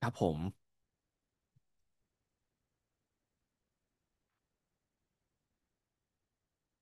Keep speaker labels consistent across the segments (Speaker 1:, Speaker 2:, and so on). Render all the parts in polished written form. Speaker 1: ครับผม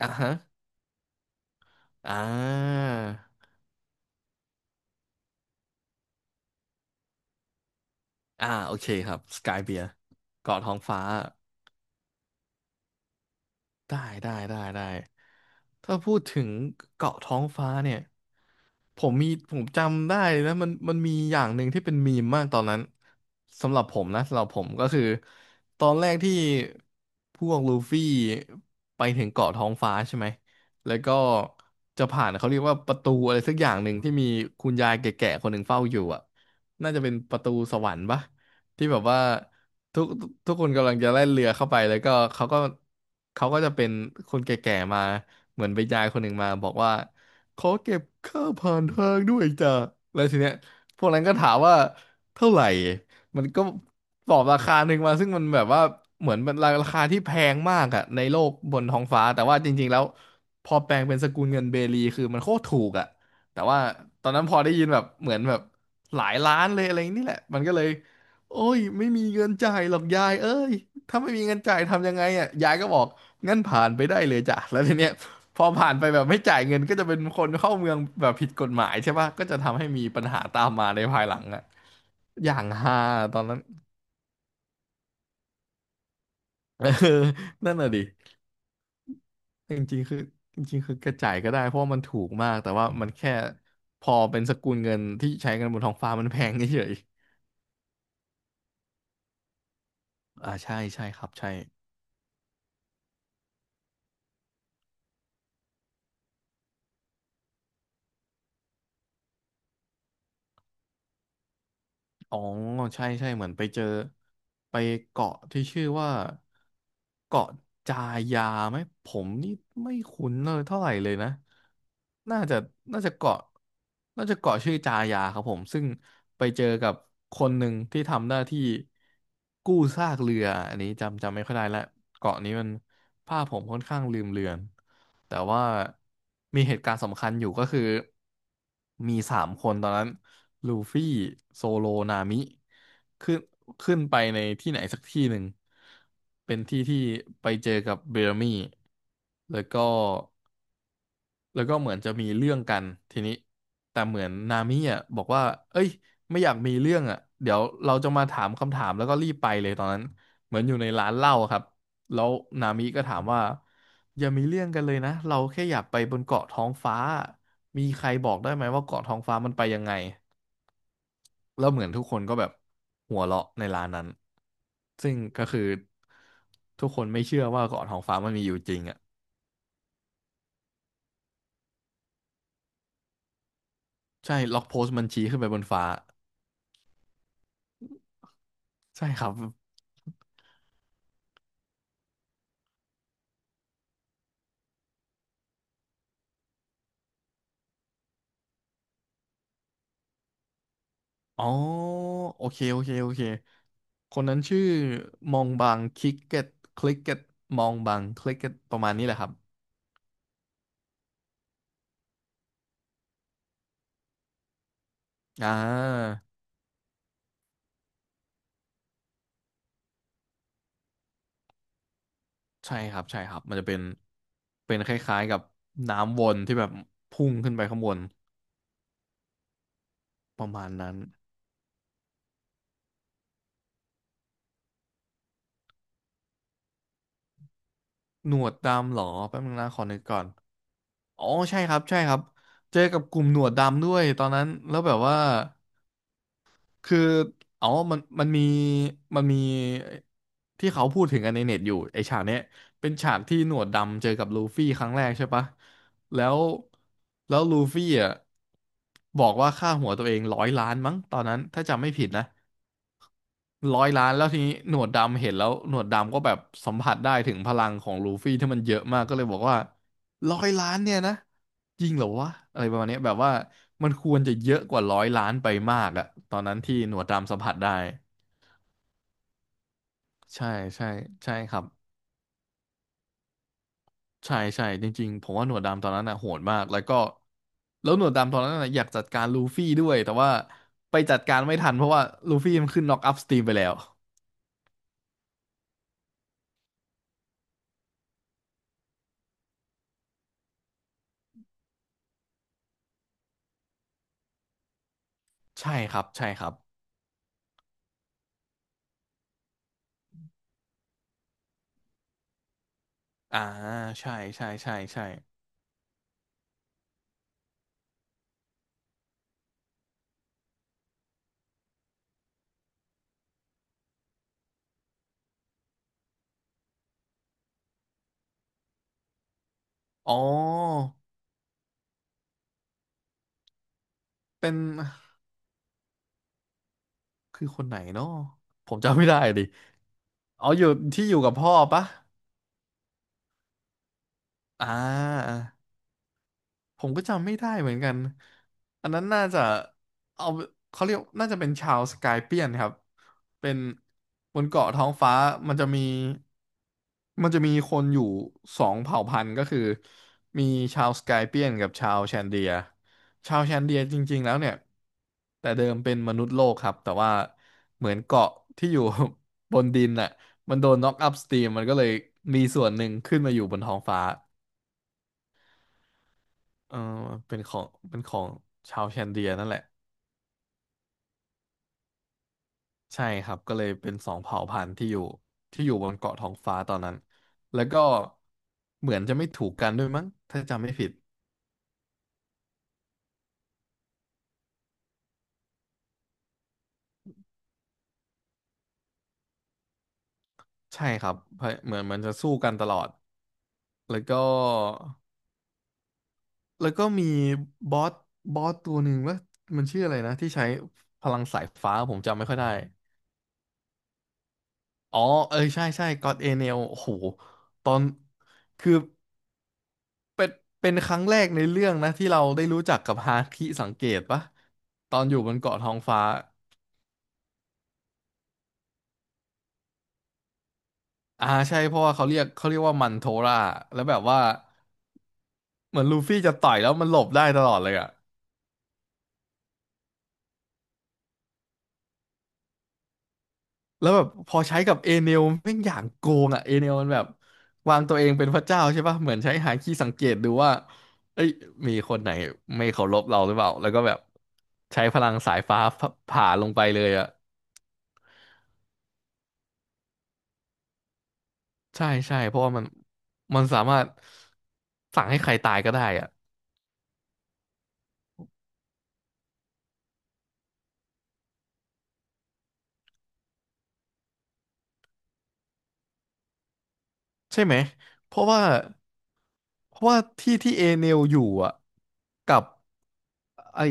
Speaker 1: อ่ะฮะอ่าอ่า โอเคครับสกายเบียร์เกาะท้องฟ้า ได้ได้ได้ได้ถ้าพูดถึงเกาะท้องฟ้าเนี่ยผมจำได้นะมันมีอย่างหนึ่งที่เป็นมีมมากตอนนั้นสำหรับผมนะสำหรับผมก็คือตอนแรกที่พวกลูฟี่ไปถึงเกาะท้องฟ้าใช่ไหมแล้วก็จะผ่านเขาเรียกว่าประตูอะไรสักอย่างหนึ่งที่มีคุณยายแก่ๆคนหนึ่งเฝ้าอยู่อ่ะน่าจะเป็นประตูสวรรค์ปะที่แบบว่า ทุกทุกคนกำลังจะแล่นเรือเข้าไปแล้วก็เขาก็จะเป็นคนแก่ๆมาเหมือนไปยายคนหนึ่งมาบอกว่าขอเก็บค่าผ่านทางด้วยจ้ะแล้วทีเนี้ยพวกนั้นก็ถามว่าเท่าไหร่มันก็ตอบราคาหนึ่งมาซึ่งมันแบบว่าเหมือนมันราคาที่แพงมากอะในโลกบนท้องฟ้าแต่ว่าจริงๆแล้วพอแปลงเป็นสกุลเงินเบลีคือมันโคตรถูกอะแต่ว่าตอนนั้นพอได้ยินแบบเหมือนแบบหลายล้านเลยอะไรนี่แหละมันก็เลย โอ้ยไม่มีเงินจ่ายหรอกยายเอ้ยถ้าไม่มีเงินจ่ายทำยังไงอ่ะยายก็บอกงั้นผ่านไปได้เลยจ้ะแล้วทีเนี้ยพอผ่านไปแบบไม่จ่ายเงินก็จะเป็นคนเข้าเมืองแบบผิดกฎหมายใช่ปะก็จะทำให้มีปัญหาตามมาในภายหลังอ่ะอย่างฮาตอนนั้น เออนั่นน่ะดิจริงๆคือจริงๆคือกระจ่ายก็ได้เพราะว่ามันถูกมากแต่ว่ามันแค่พอเป็นสกุลเงินที่ใช้กันบนท้องฟ้ามันแพงเฉยๆอ่าใช่ใช่ครับใช่ อ๋อใช่ใช่เหมือนไปเจอไปเกาะที่ชื่อว่าเกาะจายาไหมผมนี่ไม่คุ้นเลยเท่าไหร่เลยนะน่าจะน่าจะเกาะน่าจะเกาะชื่อจายาครับผมซึ่งไปเจอกับคนหนึ่งที่ทำหน้าที่กู้ซากเรืออันนี้จำจำไม่ค่อยได้ละเกาะนี้มันภาพผมค่อนข้างลืมเลือนแต่ว่ามีเหตุการณ์สำคัญอยู่ก็คือมีสามคนตอนนั้น ลูฟี่โซโลนามิขึ้นขึ้นไปในที่ไหนสักที่หนึ่งเป็นที่ที่ไปเจอกับเบรมี่แล้วก็เหมือนจะมีเรื่องกันทีนี้แต่เหมือนนามิอ่ะบอกว่าเอ้ยไม่อยากมีเรื่องอ่ะเดี๋ยวเราจะมาถามคำถามแล้วก็รีบไปเลยตอนนั้นเหมือนอยู่ในร้านเหล้าอะครับแล้วนามิก็ถามว่าอย่ามีเรื่องกันเลยนะเราแค่อยากไปบนเกาะท้องฟ้ามีใครบอกได้ไหมว่าเกาะท้องฟ้ามันไปยังไง แล้วเหมือนทุกคนก็แบบหัวเราะในร้านนั้นซึ่งก็คือทุกคนไม่เชื่อว่าเกาะทองฟ้ามันมีอยู่จริงอ่ะใช่ล็อกโพสต์มันชี้ขึ้นไปบนฟ้าใช่ครับอ๋อโอเคโอเคโอเคคนนั้นชื่อมองบางคิกเก็ตคลิกเก็ตมองบางคลิกเก็ตประมาณนี้แหละครับอ่าใช่ครับใช่ครับมันจะเป็นเป็นคล้ายๆกับน้ำวนที่แบบพุ่งขึ้นไปข้างบนประมาณนั้นหนวดดำเหรอแป๊บนึงนะขอนึกก่อน อ๋อใช่ครับใช่ครับเจอกับกลุ่มหนวดดำด้วยตอนนั้นแล้วแบบว่าคืออ๋อมันมีมันมีที่เขาพูดถึงกันในเน็ตอยู่ไอฉากเนี้ยเป็นฉากที่หนวดดำเจอกับลูฟี่ครั้งแรกใช่ปะแล้วแล้วลูฟี่อ่ะบอกว่าค่าหัวตัวเองร้อยล้านมั้งตอนนั้นถ้าจำไม่ผิดนะ ร้อยล้านแล้วทีนี้หนวดดำเห็นแล้วหนวดดำก็แบบสัมผัสได้ถึงพลังของลูฟี่ที่มันเยอะมากก็เลยบอกว่าร้อยล้านเนี่ยนะจริงเหรอวะอะไรประมาณเนี้ยแบบว่ามันควรจะเยอะกว่าร้อยล้านไปมากอะตอนนั้นที่หนวดดำสัมผัสได้ใช่ใช่ใช่ครับใช่ใช่จริงๆผมว่าหนวดดำตอนนั้นน่ะโหดมากแล้วก็แล้วหนวดดำตอนนั้นน่ะอยากจัดการลูฟี่ด้วยแต่ว่าไปจัดการไม่ทันเพราะว่าลูฟี่มันขึ้นน็อกอัพสตรีมไปแล้วใช่ครับใช่ครับอ่าใช่ใช่ใช่ใช่ อ๋อ เป็น คือคนไหนเนาะผมจำไม่ได้ดิอ๋ออยู่ที่อยู่กับพ่อปะ อ่า ผมก็จำไม่ได้เหมือนกัน อันนั้นน่าจะ เอา เขาเรียกน่าจะเป็นชาวสกายเปียนครับเป็นบนเกาะท้องฟ้ามันจะมี มันจะมีคนอยู่สองเผ่าพันธุ์ก็คือ มีชาวสกายเปียนกับชาวแชนเดียชาวแชนเดียจริงๆแล้วเนี่ย แต่เดิมเป็นมนุษย์โลกครับ แต่ว่าเหมือนเกาะที่อยู่ บนดินน่ะมันโดนน็อกอัพสตรีมมันก็เลยมีส่วนหนึ่งขึ้นมาอยู่บนท้องฟ้า เออเป็นของชาวแคนเดียนั่นแหละใช่ครับก็เลยเป็นสองเผ่าพันธุ์ที่อยู่บนเกาะท้องฟ้าตอนนั้นแล้วก็เหมือนจะไม่ถูกกันด้วยมั้งถ้าจำไม่ผิดใช่ครับเพราะเหมือนมันจะสู้กันตลอดแล้วก็มีบอสบอสตัวหนึ่งว่ามันชื่ออะไรนะที่ใช้พลังสายฟ้าผมจำไม่ค่อยได้อ๋อเออใช่ใช่ก็อดเอเนลโอ้โหตอนคือ เป็นครั้งแรกในเรื่องนะที่เราได้รู้จักกับฮาคิสังเกตปะตอนอยู่บนเกาะทองฟ้าอ่าใช่เพราะว่าเขาเรียกว่ามันโทราแล้วแบบว่าเหมือนลูฟี่จะต่อยแล้วมันหลบได้ตลอดเลยอะแล้วแบบพอใช้กับเอเนลแม่งอย่างโกงอะเอเนลมันแบบวางตัวเองเป็นพระเจ้าใช่ปะเหมือนใช้ฮาคิสังเกตดูว่าเอ้ยมีคนไหนไม่เคารพเราหรือเปล่าแล้วก็แบบใช้พลังสายฟ้าผ่าลงไปเลยอะ ใช่ใช่เพราะว่ามันสามารถสั่งให้ใครตายก็ได้อะใช่ไหมเพราะว่าที่ที่เอเนลอยู่อ่ะกับไอ้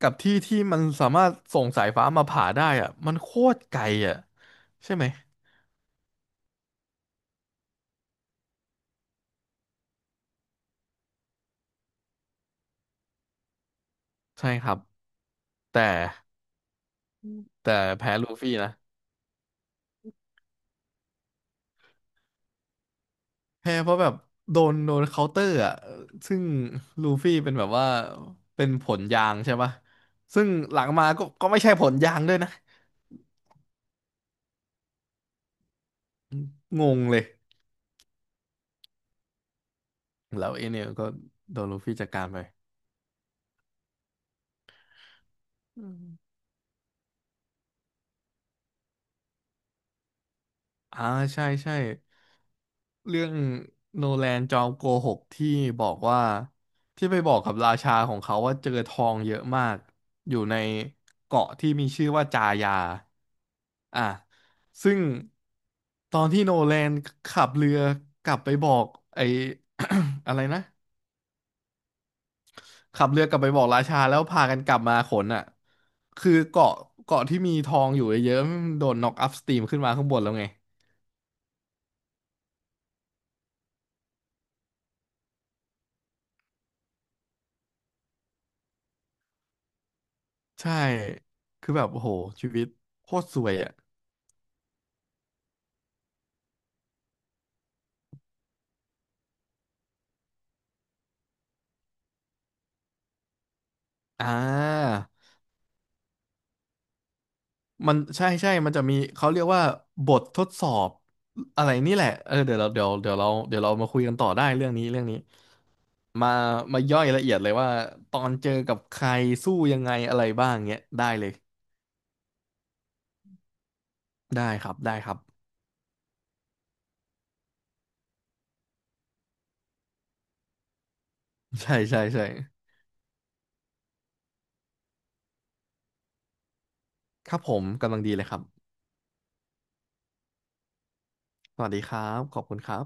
Speaker 1: กับที่ที่มันสามารถส่งสายฟ้ามาผ่าได้อ่ะมันโคตรไกลอ่ะใช่ไหมใช่ครับแต่แต่แพ้ลูฟี่นะแพ้เพราะแบบโดนเคาน์เตอร์อ่ะซึ่งลูฟี่เป็นแบบว่าเป็นผลยางใช่ปะซึ่งหลังมาก็ไม่ใช่ผลยางด้วยนะงงเลย แล้วเอเนี่ยก็โดนลูฟี่จัดการไปอืมอ่าใช่ใช่เรื่องโนแลนจอมโกหกที่บอกว่าที่ไปบอกกับราชาของเขาว่าเจอทองเยอะมากอยู่ในเกาะที่มีชื่อว่าจายาอ่ะซึ่งตอนที่โนแลนขับเรือกลับไปบอกไอ้ อะไรนะ ขับเรือกลับไปบอกราชาแล้วพากันกลับมาขนอ่ะคือเกาะที่มีทองอยู่เยอะๆมันโดนน็อกอัพสตรีมขึ้นมาข้างบนแล้วไงใช่คือแบบโอ้โหชีวิตโคตรสวยอ่ะอ่ามันใช่ใช่มันจะมีเขาเรียกว่าบททดสอบอะไรนี่แหละเออเดี๋ยวเราเดี๋ยวเรามาคุยกันต่อได้เรื่องนี้มาย่อยละเอียดเลยว่าตอนเจอกับใครสู้ยังไงอะไรบ้างเงี้ยได้เลยได้ครับใช่ใช่ใช่ครับผมกำลังดีเลยครับ สวัสดีครับ ขอบคุณครับ